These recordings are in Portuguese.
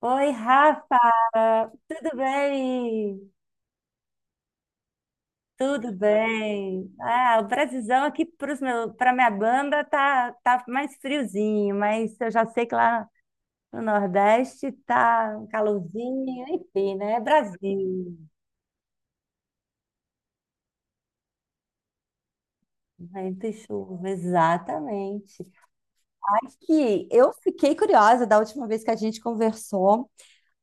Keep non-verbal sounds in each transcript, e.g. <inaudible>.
Oi, Rafa! Tudo bem? Tudo bem. Ah, o Brasilzão aqui para minha banda tá mais friozinho, mas eu já sei que lá no Nordeste tá um calorzinho, enfim, né? É Brasil, vento e chuva, exatamente. Aqui, eu fiquei curiosa da última vez que a gente conversou.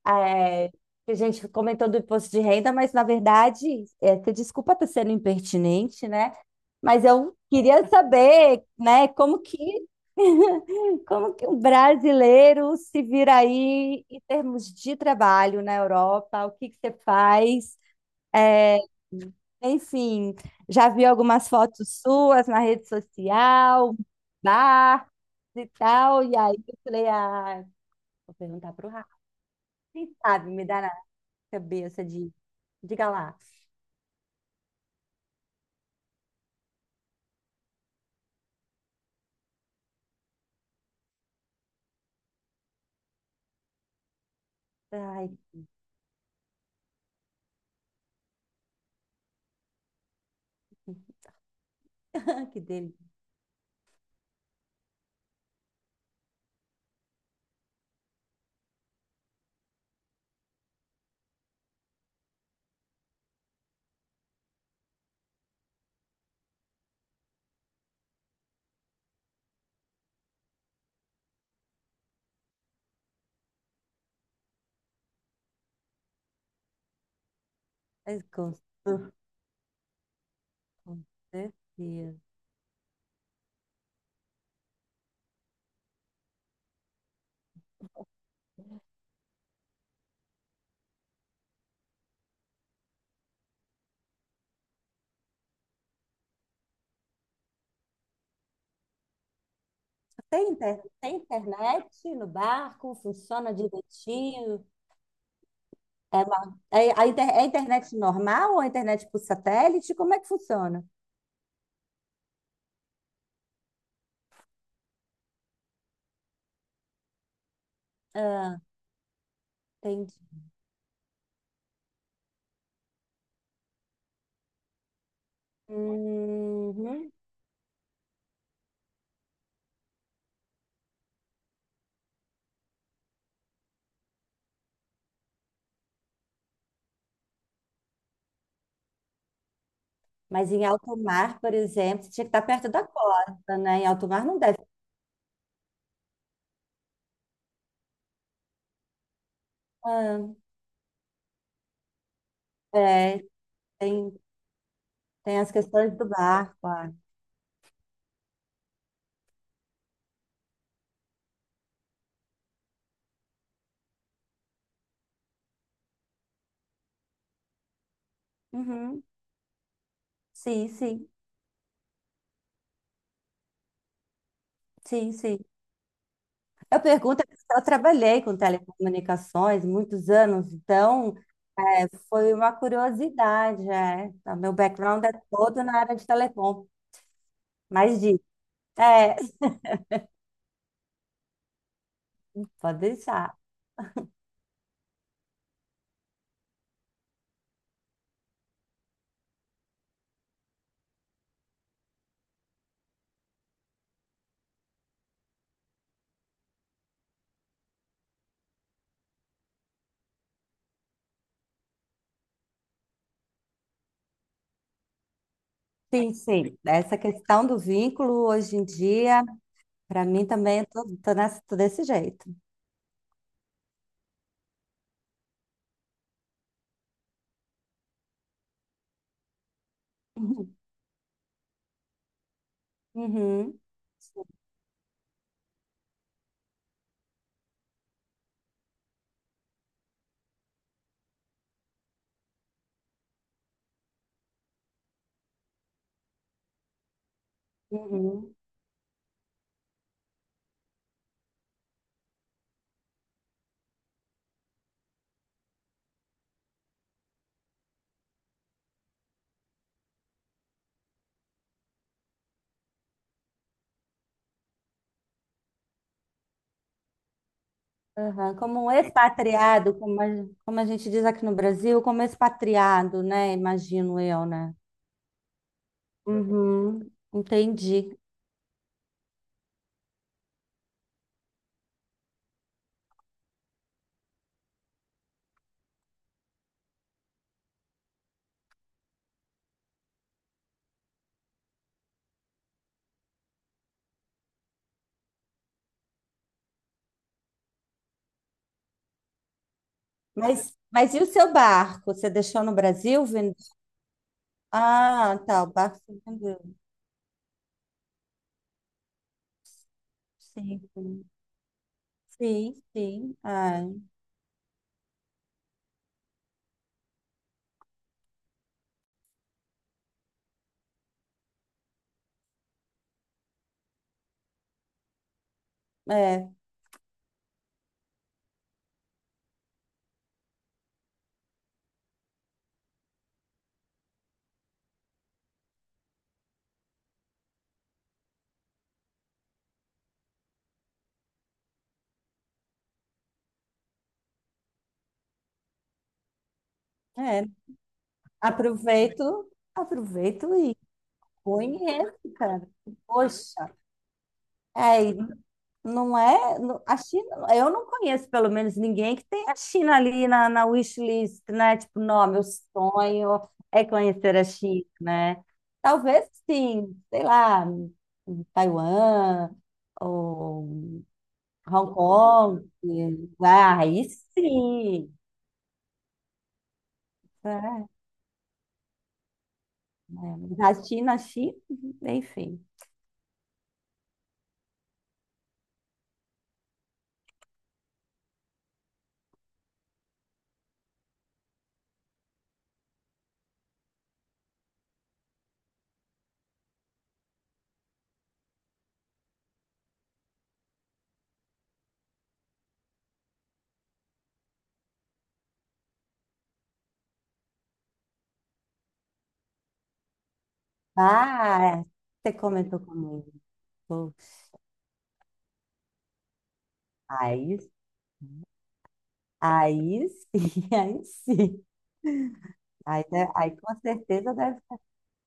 É, a gente comentou do imposto de renda, mas na verdade, você desculpa estar sendo impertinente, né? Mas eu queria saber, né, como que um brasileiro se vira aí em termos de trabalho na Europa, o que que você faz? É, enfim, já vi algumas fotos suas na rede social, bar e tal, e aí eu falei, ah, vou perguntar para o Rafa, quem sabe me dá cabeça de, diga lá. Ai, <laughs> que delícia. Mas gostoso, certeza. Tem internet no barco? Funciona direitinho? É, uma, é, a inter- é internet normal ou a internet por satélite? Como é que funciona? Ah, entendi. Uhum. Mas em alto mar, por exemplo, tinha que estar perto da costa, né? Em alto mar não deve. Ah, é, tem, tem as questões do barco. Ah. Uhum. Sim, sim, sim, sim. Eu pergunto, porque eu trabalhei com telecomunicações muitos anos, então foi uma curiosidade. É. O meu background é todo na área de telecom, mas é, pode deixar. Sim, sim. Essa questão do vínculo hoje em dia, para mim também, eu tô desse jeito. Uhum. Uhum. Uhum. Aham, como um expatriado, como a gente diz aqui no Brasil, como expatriado, né? Imagino eu, né? Uhum, entendi. Mas e o seu barco? Você deixou no Brasil? Ah, tá, o barco você vendeu. Sim, sim, sim. Sim. Ah, é, é. Aproveito, aproveito e conheço, cara. Poxa, é, não é? A China, eu não conheço pelo menos ninguém que tem a China ali na wishlist, né? Tipo, não, meu sonho é conhecer a China, né? Talvez sim, sei lá, Taiwan ou Hong Kong, ah, aí sim, né? Mas a China, a China, enfim. Ah, é, você comentou comigo. Poxa, aí, aí sim, <laughs> aí sim. Aí, aí com certeza deve estar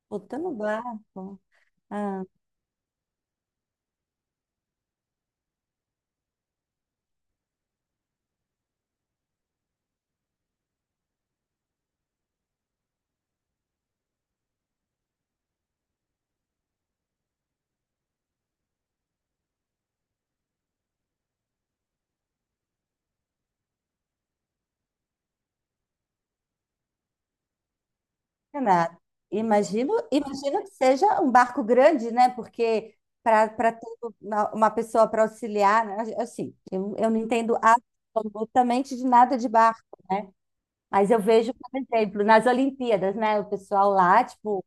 botando barco. Ah, Renato, imagino que seja um barco grande, né? Porque para ter uma pessoa para auxiliar, né? Assim, eu não entendo absolutamente de nada de barco, né? Mas eu vejo, por exemplo, nas Olimpíadas, né? O pessoal lá, tipo,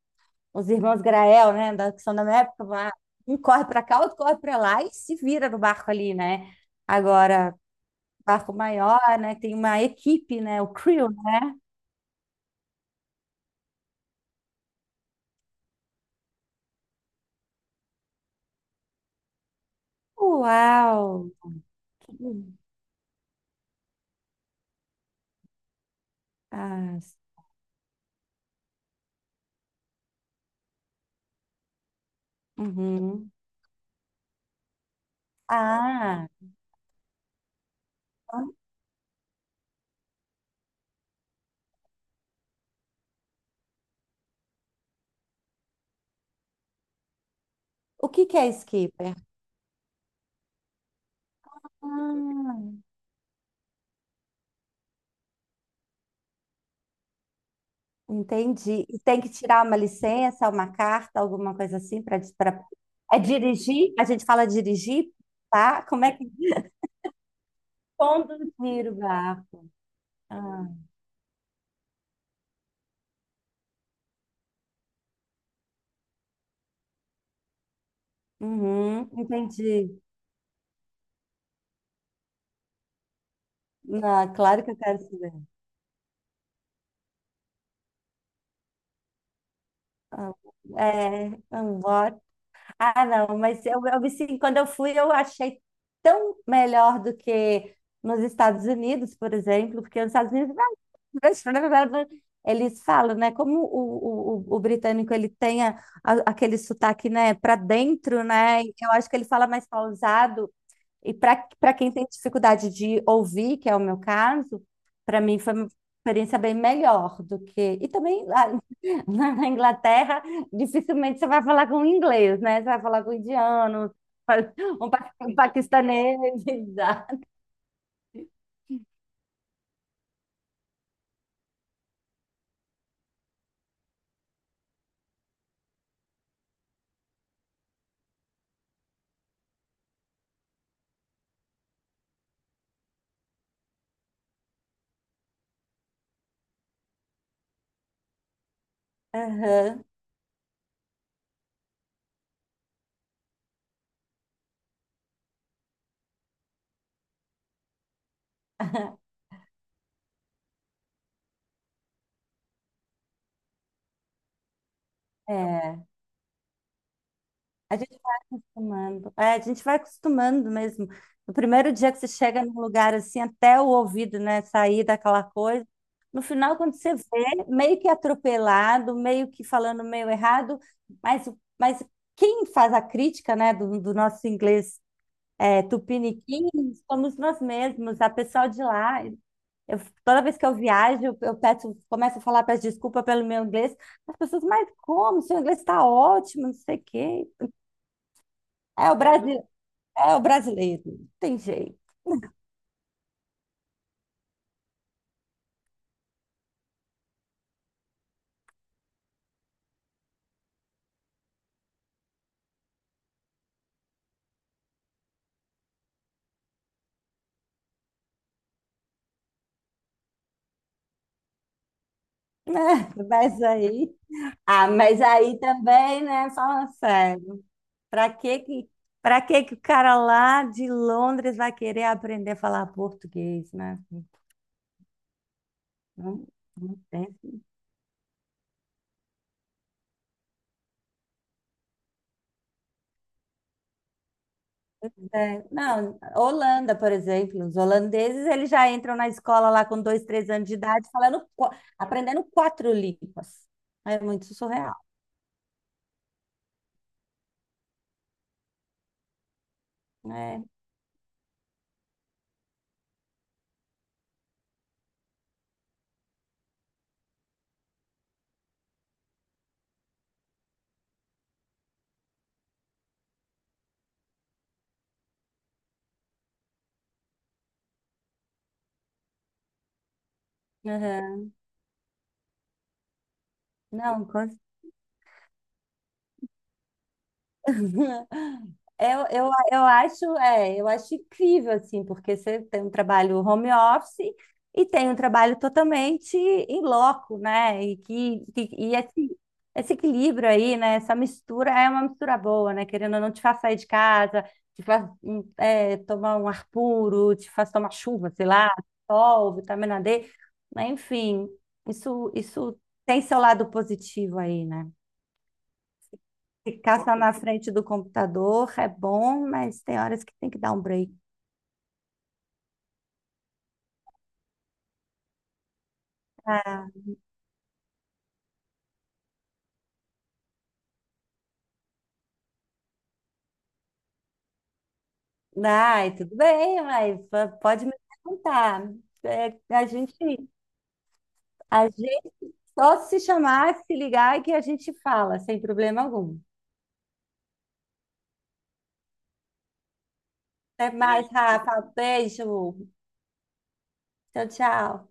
os irmãos Grael, né? Que são da minha época, lá, um corre para cá, outro corre para lá e se vira no barco ali, né? Agora, barco maior, né? Tem uma equipe, né? O crew, né? Uau! Que- Ah, uhum. Ah, então, o que que é skipper? Ah, entendi. E tem que tirar uma licença, uma carta, alguma coisa assim para dirigir? A gente fala dirigir, tá? Como é que conduzir o barco? Ah, uhum, entendi. Ah, claro que eu quero saber. É, vambora. Ah, não, mas eu me senti, quando eu fui, eu achei tão melhor do que nos Estados Unidos, por exemplo, porque nos Estados Unidos <laughs> eles falam, né? Como o britânico ele tem aquele sotaque, né, para dentro, né? Eu acho que ele fala mais pausado e para quem tem dificuldade de ouvir, que é o meu caso, para mim foi uma experiência bem melhor do que. E também lá <laughs> na Inglaterra, dificilmente você vai falar com inglês, né? Você vai falar com indiano, <laughs> um paquistanês. <laughs> Exato. Aham. É. A gente vai acostumando. É, a gente vai acostumando mesmo. No primeiro dia que você chega num lugar assim, até o ouvido, né, sair daquela coisa. No final, quando você vê, meio que atropelado, meio que falando meio errado, mas, mas quem faz a crítica, né, do nosso inglês tupiniquim, somos nós mesmos, a pessoa de lá. Eu, Toda vez que eu viajo, eu peço, começo a falar, peço desculpa pelo meu inglês. As pessoas, mas como? Seu inglês está ótimo, não sei o quê. É, o Brasil. É o brasileiro, não tem jeito. <laughs> Mas aí, ah, mas aí também, né? Falando sério, para que que, para que que o cara lá de Londres vai querer aprender a falar português, né? Não, não tem. É, não, Holanda, por exemplo, os holandeses, eles já entram na escola lá com 2, 3 anos de idade, falando, aprendendo quatro línguas. É muito surreal, né? Aham. Não, <laughs> Eu acho incrível, assim, porque você tem um trabalho home office e tem um trabalho totalmente em loco, né? Esse equilíbrio aí, né? Essa mistura é uma mistura boa, né? Querendo ou não, te faz sair de casa, te faz tomar um ar puro, te faz tomar chuva, sei lá, sol, vitamina D, né? Enfim, isso tem seu lado positivo aí, né? Ficar só na frente do computador é bom, mas tem horas que tem que dar um break. Ah, ai, tudo bem, mas pode me perguntar. É, a gente, a gente só se chamar, se ligar que a gente fala, sem problema algum. Até mais, Rafa. Beijo. Tchau, tchau.